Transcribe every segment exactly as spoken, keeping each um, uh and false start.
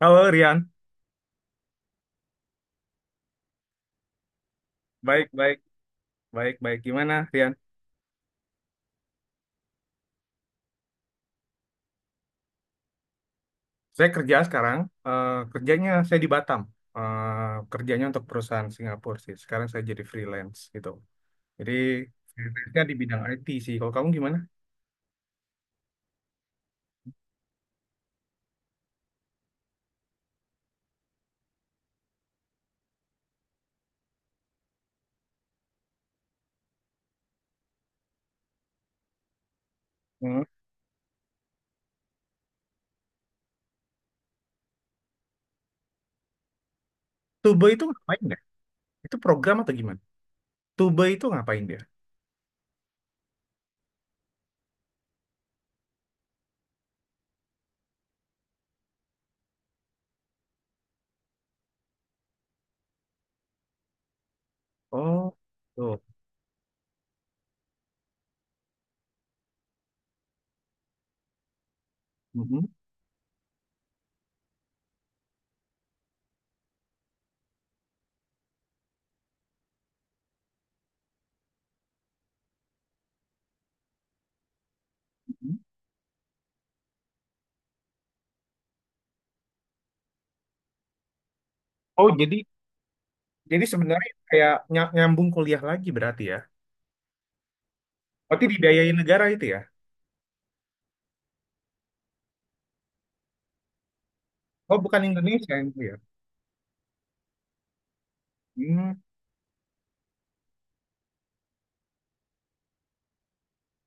Halo, Rian. Baik, baik, baik, baik. Gimana, Rian? Saya kerja sekarang. Eh, kerjanya saya di Batam. Eh, kerjanya untuk perusahaan Singapura sih. Sekarang saya jadi freelance gitu. Jadi freelance-nya di bidang I T sih. Kalau kamu gimana? Hmm. Tube itu ngapain ya? Itu program atau gimana? Tube itu ngapain dia? Oh, tuh. Mhm. Oh, jadi jadi sebenarnya kayak ny- nyambung kuliah lagi berarti ya. Berarti dibiayain negara itu ya? Oh, bukan Indonesia itu ya? Hmm.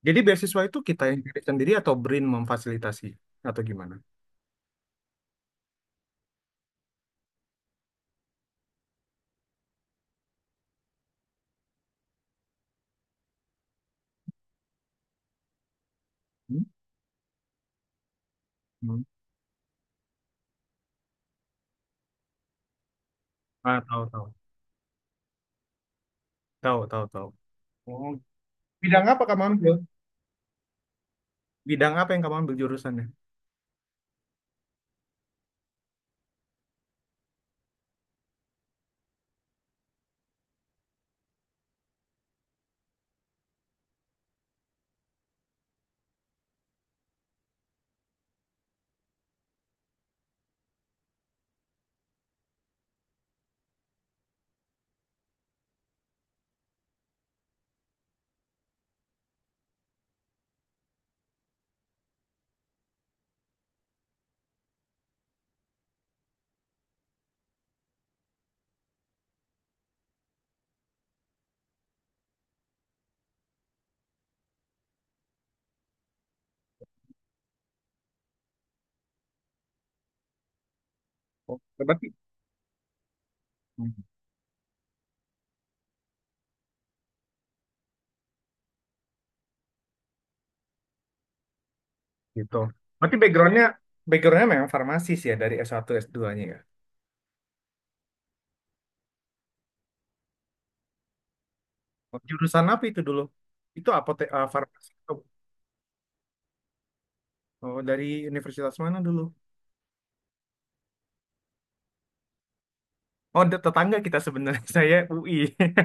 Jadi beasiswa itu kita yang cari sendiri atau BRIN memfasilitasi atau gimana? Hmm? Hmm. Ah, tahu, tahu. Tahu, tahu, tahu. Oh, bidang apa kamu ambil? Bidang apa yang kamu ambil jurusannya? Oh, berarti. Hmm, gitu. Berarti backgroundnya backgroundnya memang farmasi sih ya dari S satu S duanya ya. Oh, jurusan apa itu dulu? Itu apotek eh, farmasi. Oh, oh, dari universitas mana dulu? Oh, de- tetangga kita sebenarnya. Saya U I.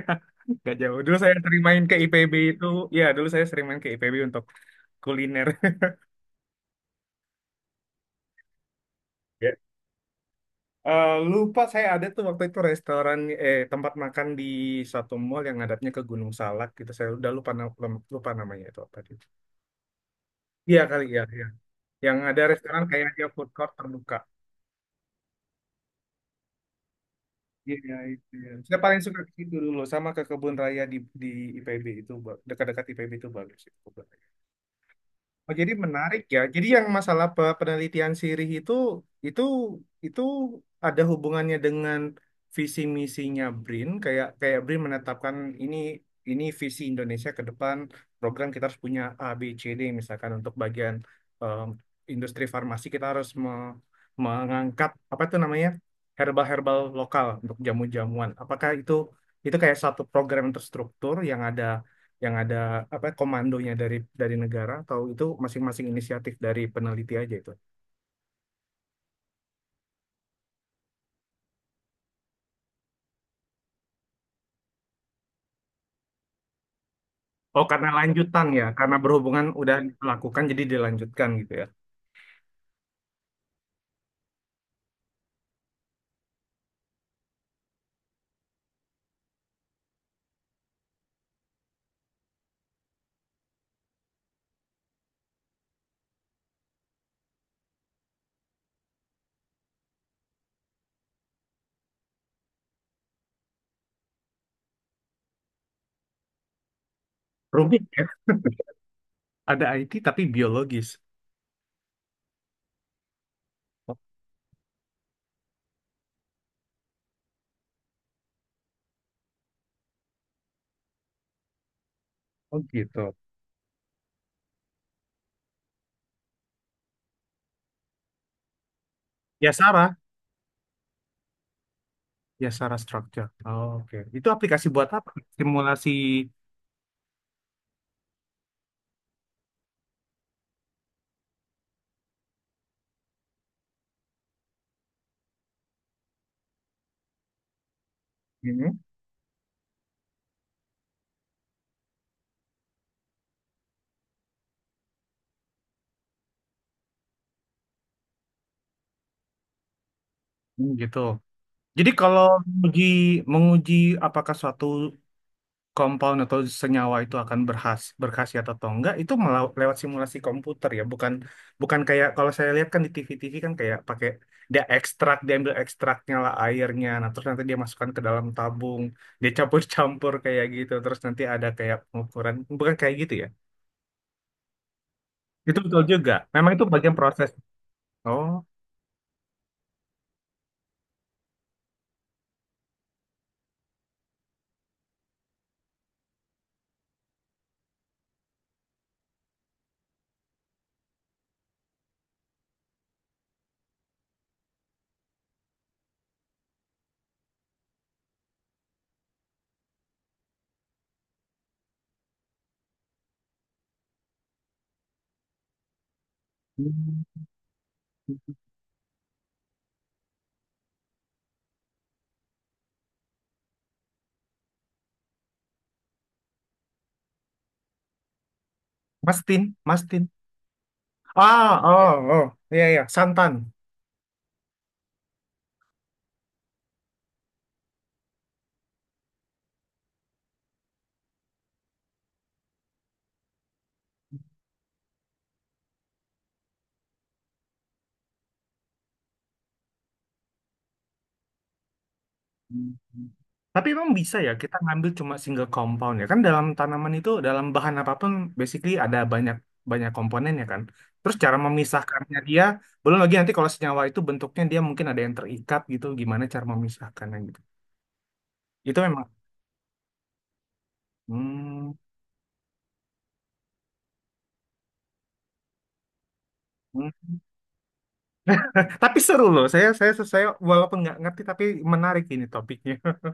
Gak jauh. Dulu saya sering main ke I P B itu. Ya, dulu saya sering main ke I P B untuk kuliner. Eh, lupa saya ada tuh waktu itu restoran eh tempat makan di satu mall yang ngadapnya ke Gunung Salak gitu. Saya udah lupa na- lupa namanya itu apa itu. Iya kali ya, iya. Yang ada restoran kayak dia food court terbuka. Iya, itu, ya. Saya paling suka ke situ dulu sama ke kebun raya di di I P B itu ba- dekat-dekat I P B itu bagus itu. Oh, jadi menarik ya. Jadi yang masalah pe- penelitian sirih itu itu itu ada hubungannya dengan visi misinya BRIN kayak kayak BRIN menetapkan ini ini visi Indonesia ke depan, program kita harus punya A B C D misalkan untuk bagian em, industri farmasi kita harus me- mengangkat apa itu namanya, herbal-herbal lokal untuk jamu-jamuan. Apakah itu itu kayak satu program yang terstruktur yang ada yang ada apa komandonya dari dari negara, atau itu masing-masing inisiatif dari peneliti aja itu? Oh, karena lanjutan ya, karena berhubungan udah dilakukan jadi dilanjutkan gitu ya. Rumit ya. Ada I T tapi biologis. Oh, oh gitu. Ya Sarah, ya Sarah Structure. Oh, oke. Itu aplikasi buat apa? Simulasi ini. Hmm, gitu. Jadi kalau menguji, menguji apakah suatu kompoun atau senyawa itu akan berhas berkhasiat atau enggak, itu melau- lewat simulasi komputer ya, bukan bukan kayak kalau saya lihat kan di T V-T V kan kayak pakai, dia ekstrak, dia ambil ekstraknya lah, airnya, nah terus nanti dia masukkan ke dalam tabung, dia campur-campur kayak gitu, terus nanti ada kayak pengukuran, bukan kayak gitu ya itu betul juga memang itu bagian proses. Oh. Hmm. Mastin, Mastin. Ah, oh, oh, iya, iya, santan. Tapi emang bisa ya kita ngambil cuma single compound ya kan, dalam tanaman itu, dalam bahan apapun basically ada banyak banyak komponennya kan. Terus cara memisahkannya dia belum lagi nanti kalau senyawa itu bentuknya dia mungkin ada yang terikat gitu, gimana cara memisahkannya gitu. Itu memang hmm, hmm. Tapi seru loh. Saya saya saya walaupun nggak ngerti tapi menarik ini topiknya.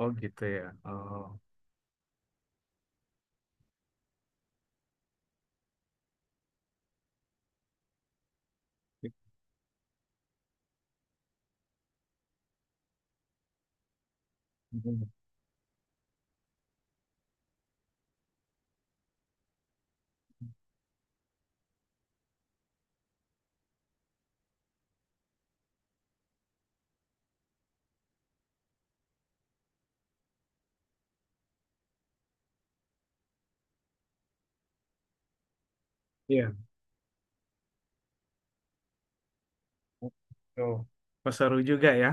Oh gitu ya. Oh. Iya. Oh, seru juga ya.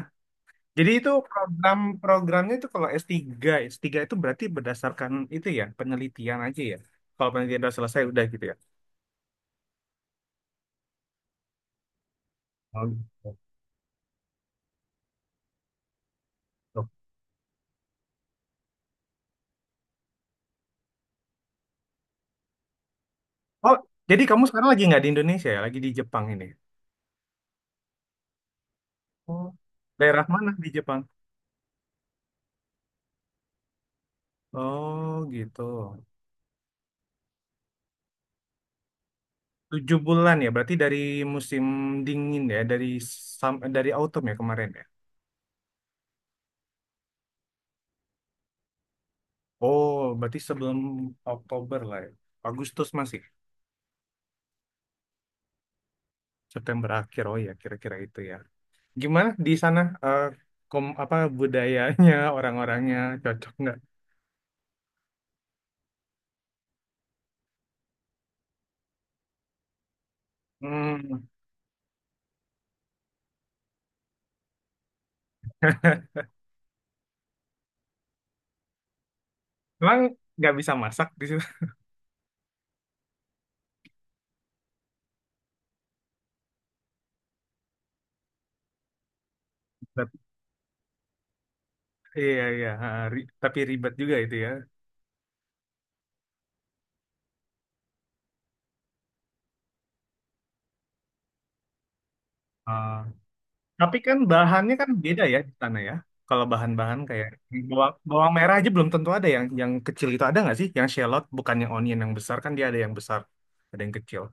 Jadi itu program programnya itu kalau S tiga, S tiga itu berarti berdasarkan itu ya, penelitian aja ya. Kalau penelitian udah selesai udah gitu ya. Oh, gitu. Oh, jadi kamu sekarang lagi nggak di Indonesia ya, lagi di Jepang ini. Oh. Daerah mana di Jepang? Oh, gitu. Tujuh bulan ya, berarti dari musim dingin ya, dari sam- dari autumn ya kemarin ya. Oh, berarti sebelum Oktober lah ya. Agustus masih, September akhir. Oh ya, kira-kira itu ya. Gimana di sana eh, kom apa budayanya orang-orangnya cocok nggak? Hmm. Emang nggak bisa masak di situ. Tapi- Iya, iya, ha, ri- tapi ribet juga itu ya. Ah. Tapi kan bahannya kan beda ya di sana ya. Kalau bahan-bahan kayak bawang, bawang merah aja belum tentu ada yang yang kecil itu ada nggak sih? Yang shallot bukannya onion yang besar, kan dia ada yang besar, ada yang kecil.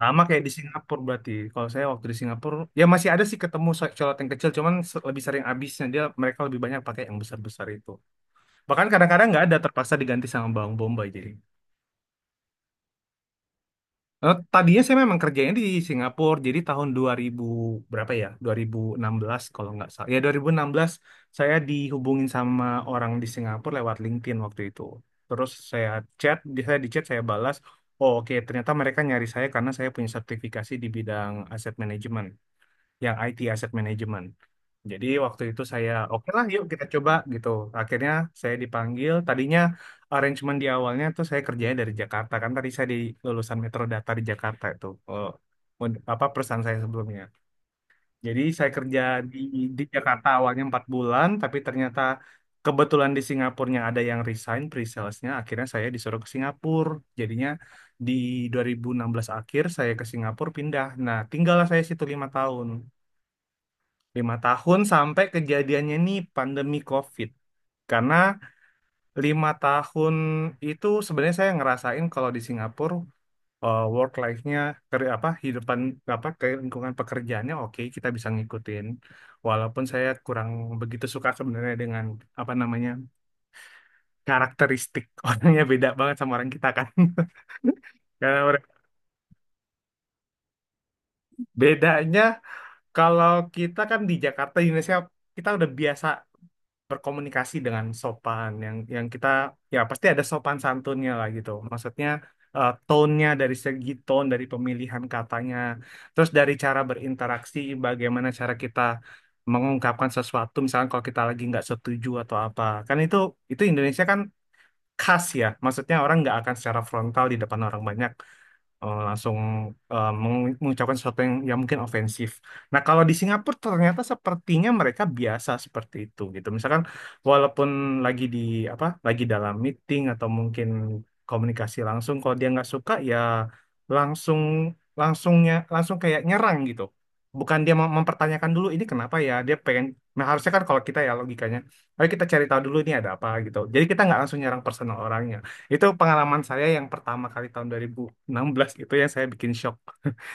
Sama kayak di Singapura berarti. Kalau saya waktu di Singapura, ya masih ada sih ketemu so- colot yang kecil, cuman se- lebih sering habisnya dia, mereka lebih banyak pakai yang besar-besar itu. Bahkan kadang-kadang nggak ada, terpaksa diganti sama bawang bombay jadi. Eh, tadinya saya memang kerjanya di Singapura, jadi tahun dua ribu berapa ya? Dua ribu enam belas kalau nggak salah. Ya, dua ribu enam belas saya dihubungin sama orang di Singapura lewat LinkedIn waktu itu. Terus saya chat, di- saya di chat, saya balas, oh, oke ternyata mereka nyari saya karena saya punya sertifikasi di bidang aset manajemen, yang I T Asset Management. Jadi waktu itu saya oke lah yuk kita coba gitu. Akhirnya saya dipanggil. Tadinya arrangement di awalnya tuh saya kerjanya dari Jakarta, kan tadi saya di lulusan Metro Data di Jakarta itu, eh, und- apa perusahaan saya sebelumnya. Jadi saya kerja di di Jakarta awalnya empat bulan, tapi ternyata kebetulan di Singapurnya ada yang resign pre-salesnya. Akhirnya saya disuruh ke Singapura. Jadinya di dua ribu enam belas akhir saya ke Singapura pindah. Nah, tinggallah saya situ lima tahun. Lima tahun sampai kejadiannya nih pandemi COVID. Karena lima tahun itu sebenarnya saya ngerasain kalau di Singapura, eh, work life-nya, ker- apa hidupan, apa ke lingkungan pekerjaannya, oke kita bisa ngikutin. Walaupun saya kurang begitu suka sebenarnya dengan apa namanya, karakteristik orangnya beda banget sama orang kita kan. Karena orang- bedanya kalau kita kan di Jakarta di Indonesia, kita udah biasa berkomunikasi dengan sopan, yang yang kita ya pasti ada sopan santunnya lah gitu. Maksudnya eh, tone-nya, dari segi tone, dari pemilihan katanya, terus dari cara berinteraksi, bagaimana cara kita mengungkapkan sesuatu misalnya kalau kita lagi nggak setuju atau apa. Kan itu itu Indonesia kan khas ya. Maksudnya orang nggak akan secara frontal di depan orang banyak eh, langsung eh, meng- mengucapkan sesuatu yang, yang mungkin ofensif. Nah, kalau di Singapura ternyata sepertinya mereka biasa seperti itu gitu. Misalkan walaupun lagi di apa, lagi dalam meeting atau mungkin komunikasi langsung, kalau dia nggak suka ya langsung langsungnya langsung kayak nyerang gitu. Bukan dia mem- mempertanyakan dulu ini kenapa ya, dia pengen. Nah, harusnya kan kalau kita ya logikanya, ayo kita cari tahu dulu ini ada apa gitu. Jadi kita nggak langsung nyerang personal orangnya. Itu pengalaman saya yang pertama kali tahun dua ribu enam belas itu yang saya bikin shock.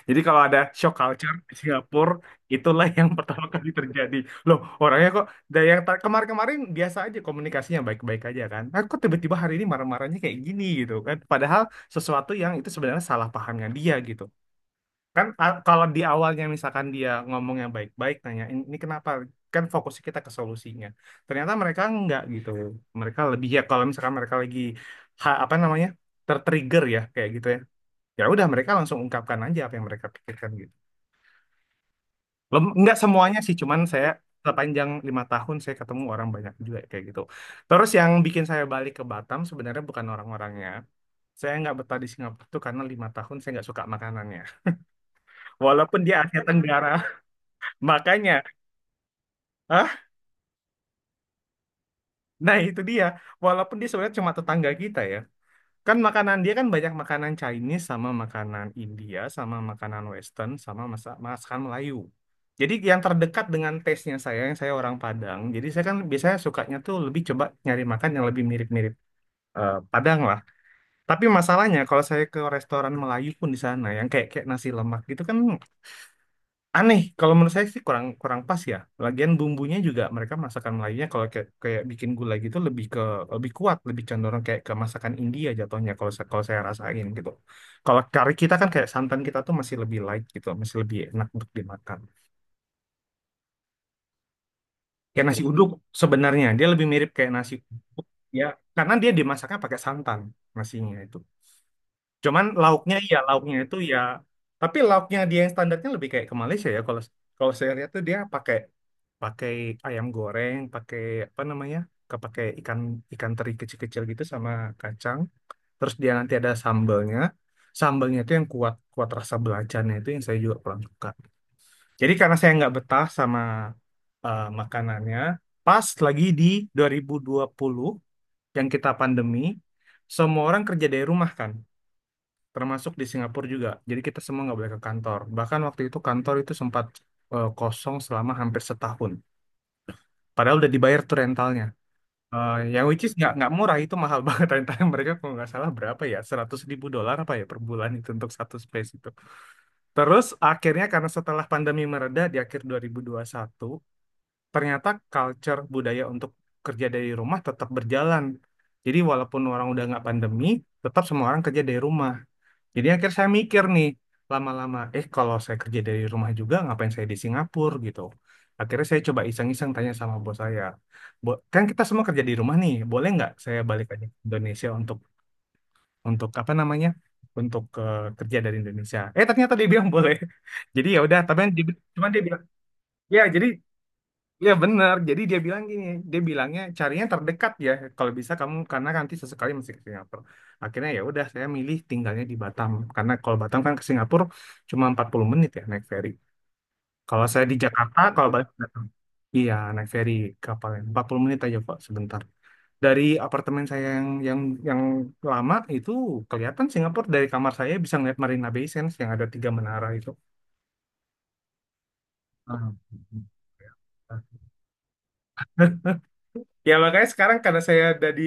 Jadi kalau ada shock culture di Singapura, itulah yang pertama kali terjadi. Loh, orangnya kok dari yang ta- kemarin-kemarin biasa aja komunikasinya baik-baik aja kan. Nah, kok tiba-tiba hari ini marah-marahnya kayak gini gitu kan. Padahal sesuatu yang itu sebenarnya salah pahamnya dia gitu kan, a- kalau di awalnya misalkan dia ngomong yang baik-baik nanya ini ini kenapa, kan fokusnya kita ke solusinya, ternyata mereka enggak gitu, mereka lebih, ya kalau misalkan mereka lagi ha- apa namanya tertrigger ya kayak gitu ya, ya udah mereka langsung ungkapkan aja apa yang mereka pikirkan gitu. Lem, enggak semuanya sih cuman saya sepanjang lima tahun saya ketemu orang banyak juga kayak gitu. Terus yang bikin saya balik ke Batam sebenarnya bukan orang-orangnya, saya nggak betah di Singapura tuh karena lima tahun saya nggak suka makanannya walaupun dia Asia Tenggara. Makanya. Hah? Nah itu dia. Walaupun dia sebenarnya cuma tetangga kita ya. Kan makanan dia kan banyak makanan Chinese sama makanan India sama makanan Western sama masa- masakan Melayu. Jadi yang terdekat dengan taste-nya saya, yang saya orang Padang. Jadi saya kan biasanya sukanya tuh lebih coba nyari makan yang lebih mirip-mirip eh, Padang lah. Tapi masalahnya kalau saya ke restoran Melayu pun di sana yang kayak kayak nasi lemak gitu kan aneh, kalau menurut saya sih kurang kurang pas ya, lagian bumbunya juga, mereka masakan Melayunya kalau kayak, kayak bikin gulai gitu lebih ke, lebih kuat, lebih cenderung kayak ke masakan India jatuhnya kalau sa- kalau saya rasain gitu. Kalau kari kita kan kayak santan kita tuh masih lebih light gitu, masih lebih enak untuk dimakan, kayak nasi uduk, sebenarnya dia lebih mirip kayak nasi uduk ya, karena dia dimasaknya pakai santan, nasinya itu. Cuman lauknya, ya lauknya itu ya, tapi lauknya dia yang standarnya lebih kayak ke Malaysia ya, kalau kalau saya lihat tuh dia pakai pakai ayam goreng, pakai apa namanya? Ke- pakai ikan, ikan teri kecil-kecil gitu sama kacang. Terus dia nanti ada sambalnya, sambalnya itu yang kuat kuat rasa belacannya itu yang saya juga kurang suka. Jadi karena saya nggak betah sama eh, makanannya, pas lagi di dua dua ribu dua puluh yang kita pandemi, semua orang kerja dari rumah kan, termasuk di Singapura juga. Jadi kita semua nggak boleh ke kantor. Bahkan waktu itu kantor itu sempat eh, kosong selama hampir setahun. Padahal udah dibayar tuh rentalnya. Eh, yang which is nggak nggak murah itu, mahal banget rentalnya mereka kalau nggak salah berapa ya, seratus ribu dolar apa ya per bulan itu untuk satu space itu. Terus akhirnya karena setelah pandemi mereda di akhir dua ribu dua puluh satu ternyata culture budaya untuk kerja dari rumah tetap berjalan. Jadi walaupun orang udah nggak pandemi, tetap semua orang kerja dari rumah. Jadi akhirnya saya mikir nih lama-lama, eh kalau saya kerja dari rumah juga ngapain saya di Singapura gitu. Akhirnya saya coba iseng-iseng tanya sama bos saya, "Bo, kan kita semua kerja di rumah nih, boleh nggak saya balik aja ke Indonesia untuk untuk apa namanya, untuk eh, kerja dari Indonesia?" Eh ternyata dia bilang boleh. Jadi ya udah, tapi kan dia, cuman dia bilang, ya jadi, iya benar. Jadi dia bilang gini, dia bilangnya carinya terdekat ya. Kalau bisa kamu, karena nanti sesekali masih ke Singapura. Akhirnya ya udah saya milih tinggalnya di Batam, karena kalau Batam kan ke Singapura cuma empat puluh menit ya naik ferry. Kalau saya di Jakarta, kalau balik ke Batam. Iya, naik ferry, kapalnya empat puluh menit aja kok sebentar. Dari apartemen saya yang yang yang lama itu kelihatan Singapura, dari kamar saya bisa ngeliat Marina Bay Sands yang ada tiga menara itu. Ah. Ya makanya sekarang karena saya ada di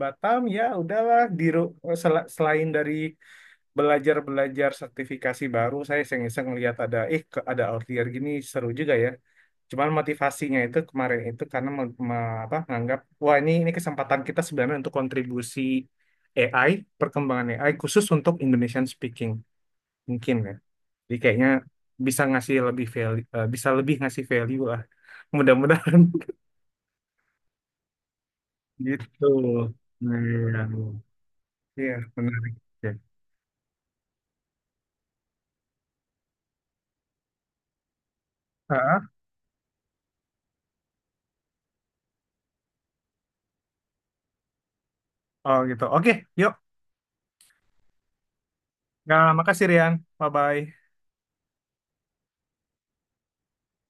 Batam ya udahlah, di ru- sel- selain dari belajar-belajar sertifikasi baru, saya iseng-iseng lihat ada eh ke- ada outlier gini, seru juga ya. Cuman motivasinya itu kemarin itu karena me- me- apa, nganggap wah ini ini kesempatan kita sebenarnya untuk kontribusi A I, perkembangan A I khusus untuk Indonesian speaking mungkin ya. Jadi kayaknya bisa ngasih lebih value, eh, bisa lebih ngasih value lah. Mudah-mudahan gitu. Nah, iya. Iya, menarik. Oke. Ah, oh gitu. Oke, yuk. Nah, makasih Rian. Bye-bye.